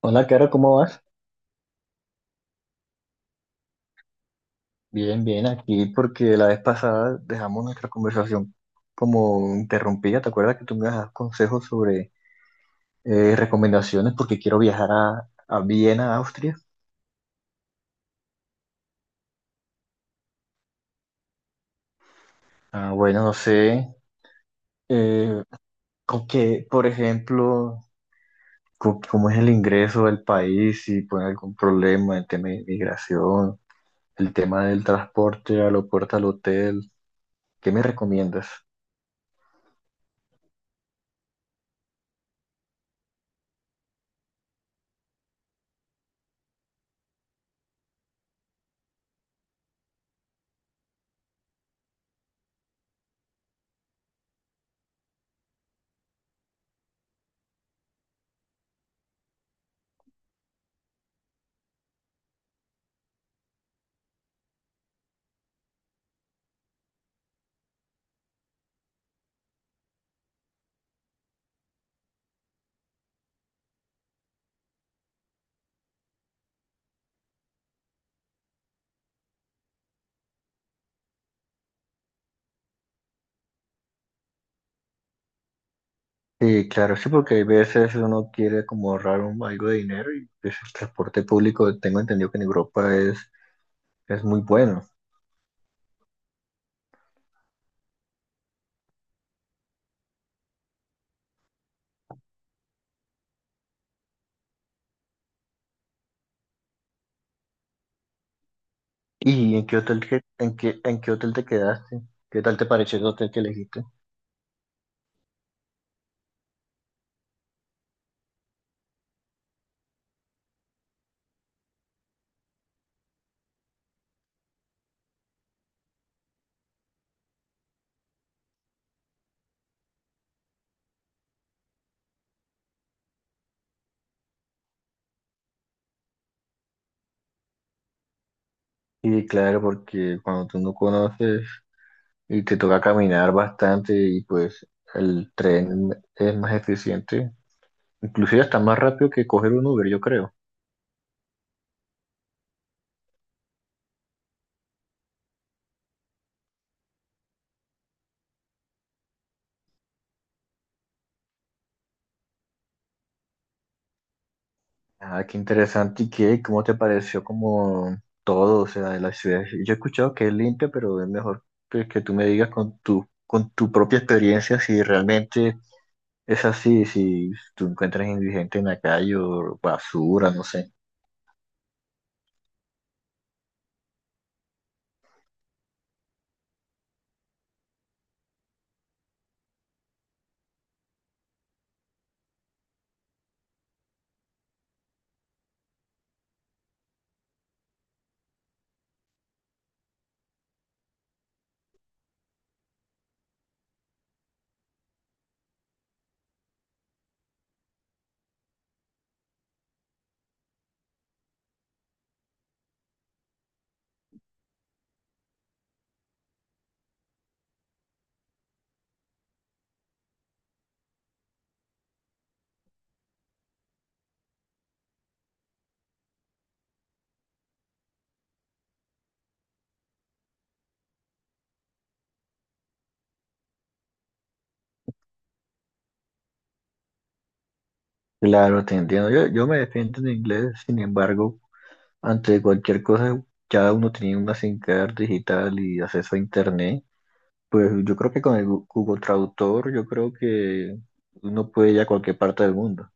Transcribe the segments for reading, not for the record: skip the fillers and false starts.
Hola, Caro, ¿cómo vas? Bien, bien, aquí porque la vez pasada dejamos nuestra conversación como interrumpida. ¿Te acuerdas que tú me das consejos sobre recomendaciones porque quiero viajar a Viena, Austria? Ah, bueno, no sé, eh, con qué, por ejemplo, cómo es el ingreso del país, si pone algún problema, el tema de migración, el tema del transporte, aeropuerto al hotel, ¿qué me recomiendas? Sí, claro, sí, porque hay veces uno quiere como ahorrar algo de dinero y pues, el transporte público, tengo entendido que en Europa es muy bueno. ¿Y en qué en en qué hotel te quedaste? ¿Qué tal te pareció el hotel que elegiste? Sí, claro, porque cuando tú no conoces y te toca caminar bastante y pues el tren es más eficiente, inclusive hasta más rápido que coger un Uber, yo creo. Ah, qué interesante. ¿Y qué? ¿Cómo te pareció como todo, o sea, de la ciudad? Yo he escuchado que es limpia, pero es mejor que tú me digas con tu propia experiencia si realmente es así, si tú encuentras indigente en la calle o basura, no sé. Claro, te entiendo. Yo me defiendo en inglés, sin embargo, ante cualquier cosa, ya uno tenía una SIM card digital y acceso a internet. Pues yo creo que con el Google Traductor, yo creo que uno puede ir a cualquier parte del mundo.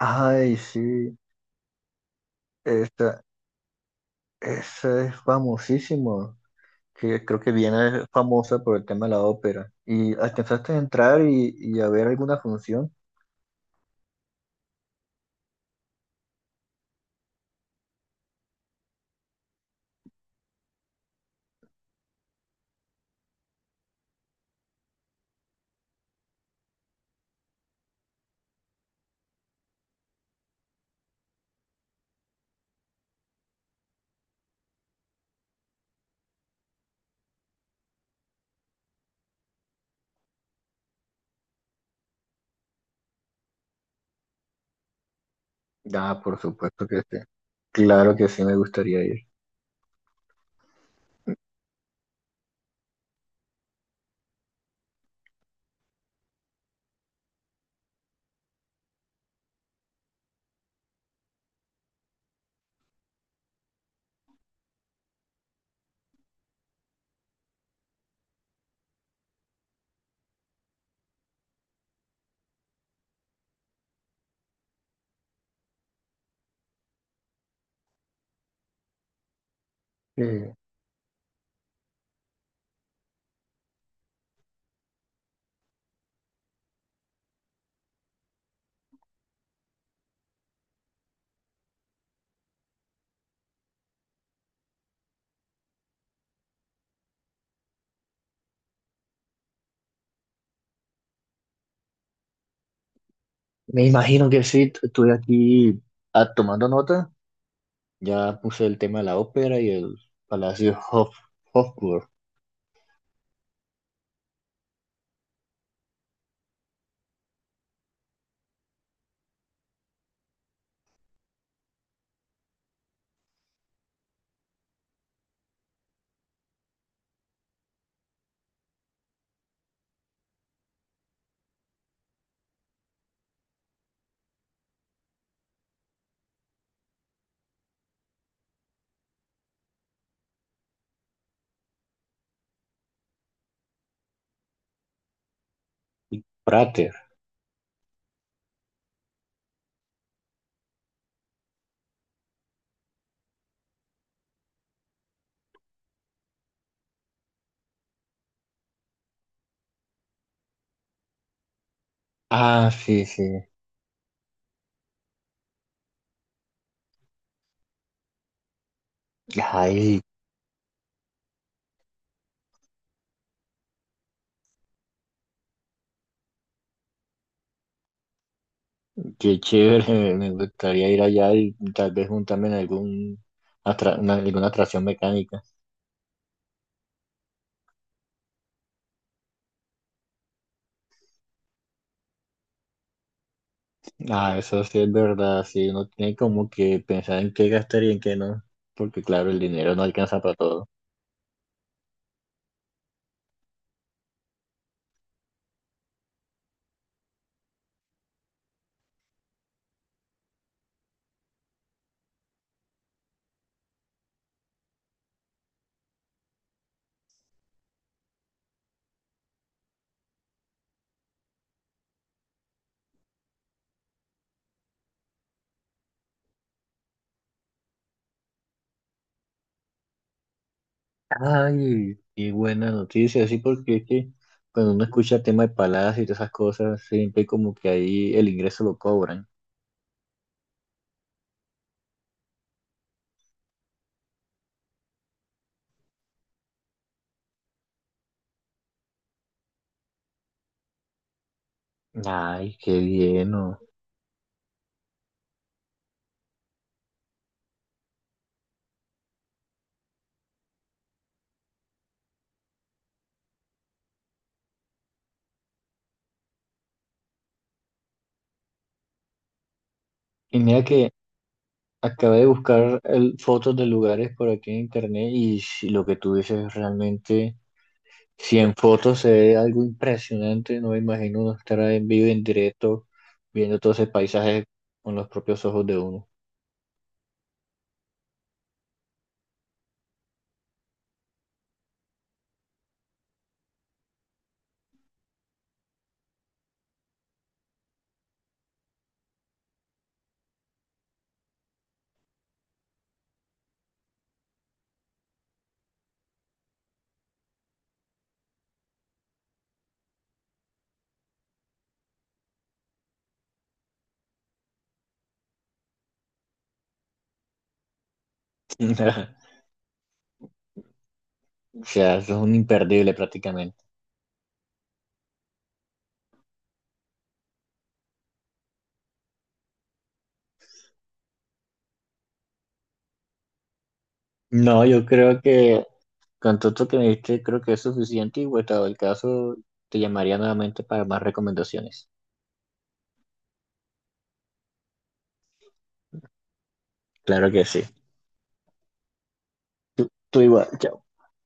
Ay, sí, esta, esa es famosísimo, que creo que viene famosa por el tema de la ópera. ¿Y alcanzaste a entrar y a ver alguna función? Ah, por supuesto que sí. Claro que sí, me gustaría ir. Eh, me imagino que sí, estuve aquí ah, tomando nota. Ya puse el tema de la ópera y el Palacio Hof, Hofburg, Prater. Ah, sí, sí. Ay, qué chévere, me gustaría ir allá y tal vez juntarme en alguna atracción mecánica. Ah, eso sí es verdad, sí, uno tiene como que pensar en qué gastar y en qué no, porque claro, el dinero no alcanza para todo. Ay, qué buena noticia, sí, porque es que cuando uno escucha temas de paladas y todas esas cosas, siempre como que ahí el ingreso lo cobran. Ay, qué bien, ¿no? Y mira que acabé de buscar fotos de lugares por aquí en internet y si lo que tú dices realmente. Si en fotos se ve algo impresionante, no me imagino uno estar en vivo y en directo, viendo todo ese paisaje con los propios ojos de uno. O sea, eso es un imperdible prácticamente. No, yo creo que con todo esto que me diste, creo que es suficiente y, vuelto el caso, te llamaría nuevamente para más recomendaciones. Claro que sí. Tú igual. Chao.